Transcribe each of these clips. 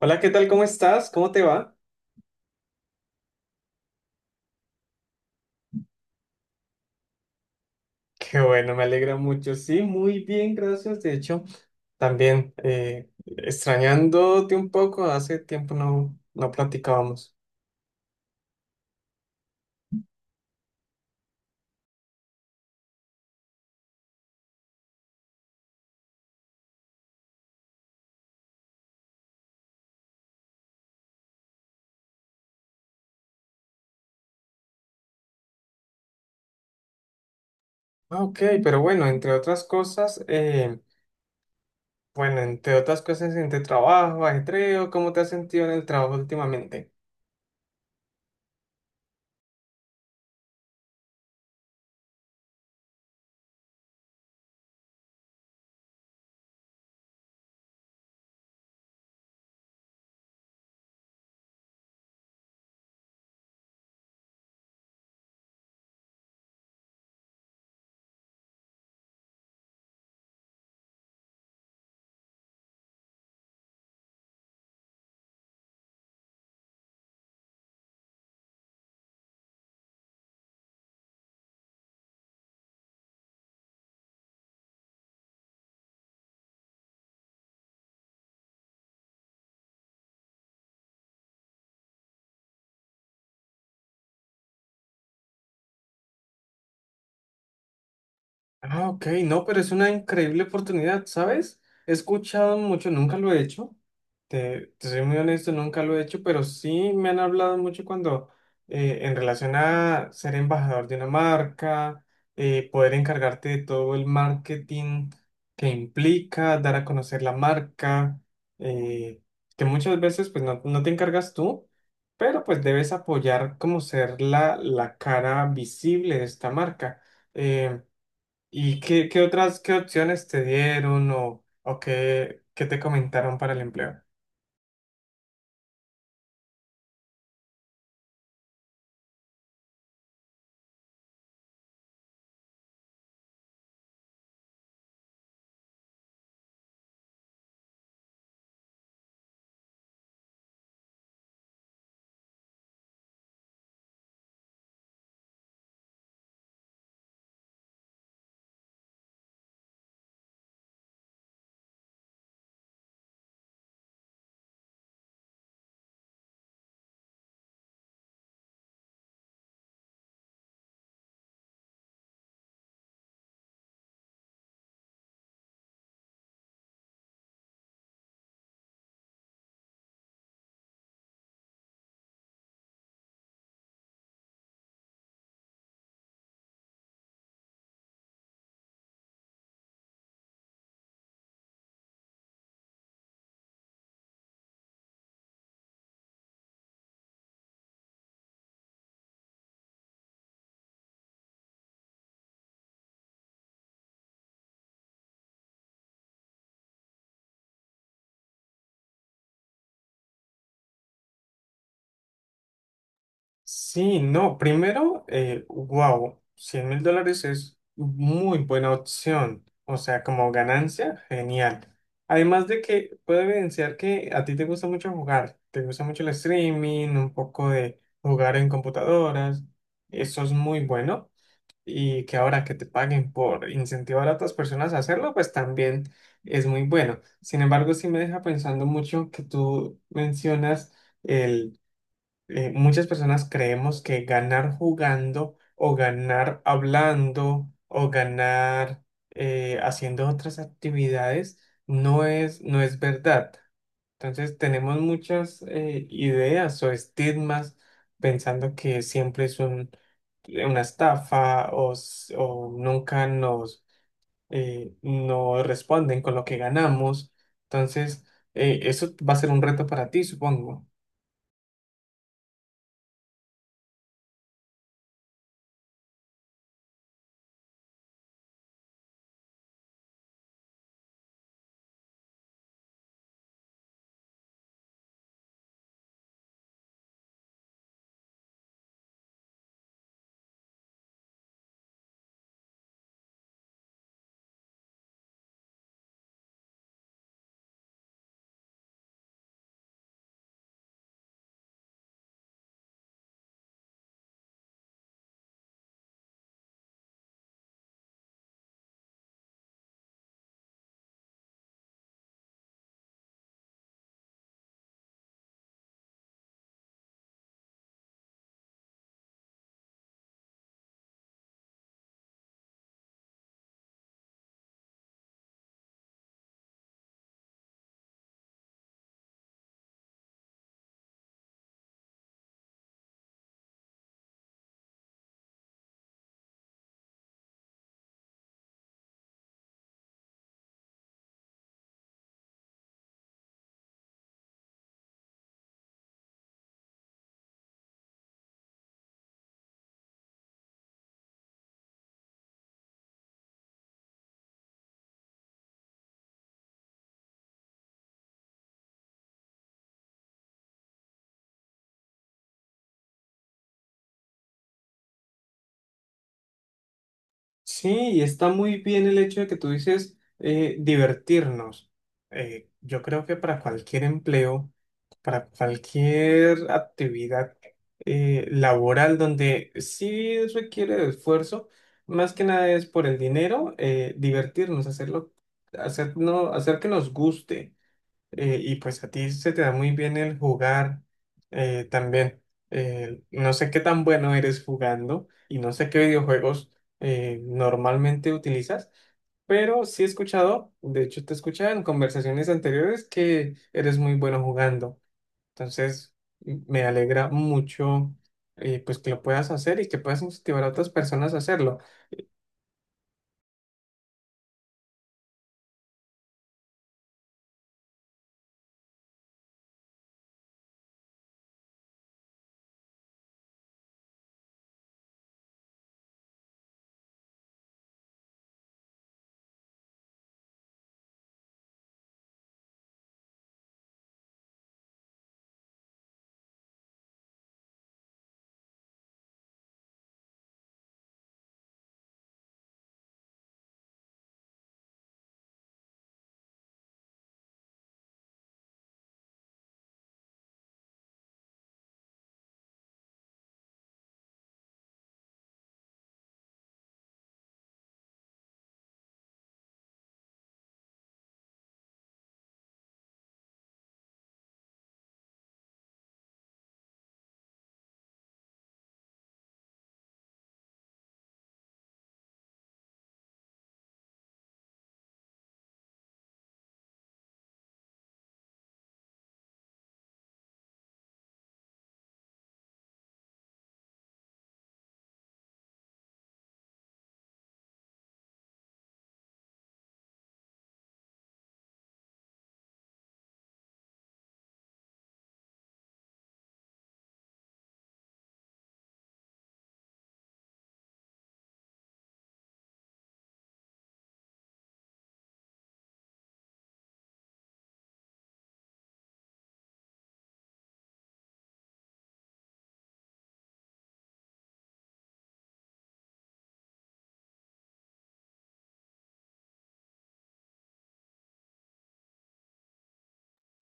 Hola, ¿qué tal? ¿Cómo estás? ¿Cómo te va? Qué bueno, me alegra mucho. Sí, muy bien, gracias. De hecho, también extrañándote un poco, hace tiempo no platicábamos. Ah, ok, pero bueno, entre otras cosas, bueno, entre otras cosas, entre trabajo, ajetreo, ¿cómo te has sentido en el trabajo últimamente? Ah, ok, no, pero es una increíble oportunidad, ¿sabes? He escuchado mucho, nunca lo he hecho, te soy muy honesto, nunca lo he hecho, pero sí me han hablado mucho cuando, en relación a ser embajador de una marca, poder encargarte de todo el marketing que implica, dar a conocer la marca, eh, que muchas veces pues no te encargas tú, pero pues debes apoyar como ser la cara visible de esta marca. Em, ¿Y qué otras, qué opciones te dieron o qué te comentaron para el empleo? Sí, no, primero, wow, 100.000 dólares es muy buena opción, o sea, como ganancia, genial. Además de que puede evidenciar que a ti te gusta mucho jugar, te gusta mucho el streaming, un poco de jugar en computadoras, eso es muy bueno. Y que ahora que te paguen por incentivar a otras personas a hacerlo, pues también es muy bueno. Sin embargo, sí me deja pensando mucho que tú mencionas el, muchas personas creemos que ganar jugando o ganar hablando o ganar haciendo otras actividades no es verdad. Entonces tenemos muchas ideas o estigmas pensando que siempre es una estafa o o nunca nos, nos responden con lo que ganamos. Entonces eso va a ser un reto para ti, supongo. Sí, y está muy bien el hecho de que tú dices divertirnos. Yo creo que para cualquier empleo, para cualquier actividad laboral donde sí requiere de esfuerzo, más que nada es por el dinero, divertirnos, hacerlo, hacer, no- hacer que nos guste y pues a ti se te da muy bien el jugar también. No sé qué tan bueno eres jugando y no sé qué videojuegos normalmente utilizas, pero sí he escuchado, de hecho te escuchaba en conversaciones anteriores que eres muy bueno jugando. Entonces, me alegra mucho pues que lo puedas hacer y que puedas incentivar a otras personas a hacerlo.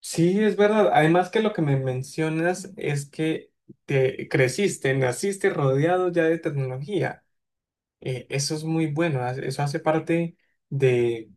Sí, es verdad. Además que lo que me mencionas es que te creciste, naciste rodeado ya de tecnología. Eso es muy bueno. Eso hace parte de,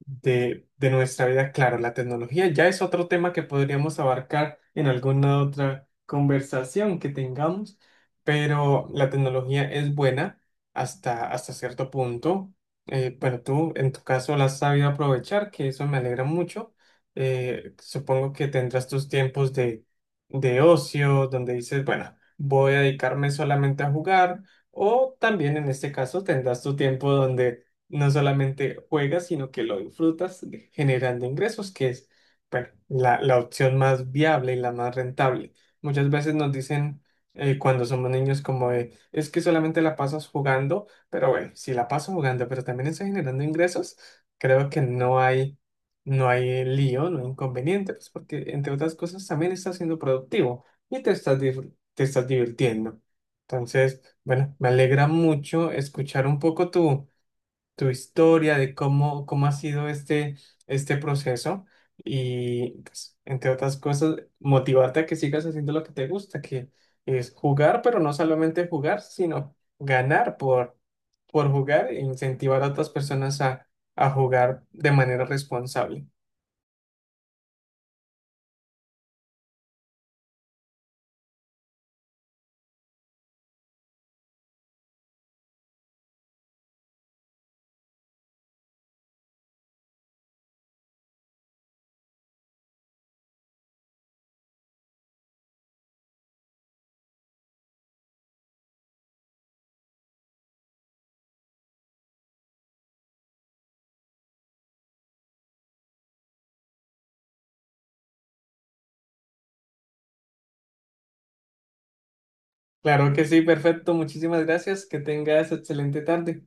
de nuestra vida. Claro, la tecnología ya es otro tema que podríamos abarcar en alguna otra conversación que tengamos, pero la tecnología es buena hasta cierto punto. Bueno, tú en tu caso la has sabido aprovechar, que eso me alegra mucho. Supongo que tendrás tus tiempos de ocio, donde dices, bueno, voy a dedicarme solamente a jugar, o también en este caso tendrás tu tiempo donde no solamente juegas, sino que lo disfrutas generando ingresos, que es, bueno, la opción más viable y la más rentable. Muchas veces nos dicen cuando somos niños como de, es que solamente la pasas jugando, pero bueno, si la paso jugando, pero también estoy generando ingresos, creo que no hay lío, no hay inconveniente, pues porque entre otras cosas también estás siendo productivo y te te estás divirtiendo. Entonces, bueno, me alegra mucho escuchar un poco tu, tu historia, de cómo ha sido este proceso y, pues, entre otras cosas, motivarte a que sigas haciendo lo que te gusta, que es jugar, pero no solamente jugar, sino ganar por jugar e incentivar a otras personas a jugar de manera responsable. Claro que sí, perfecto. Muchísimas gracias. Que tengas excelente tarde.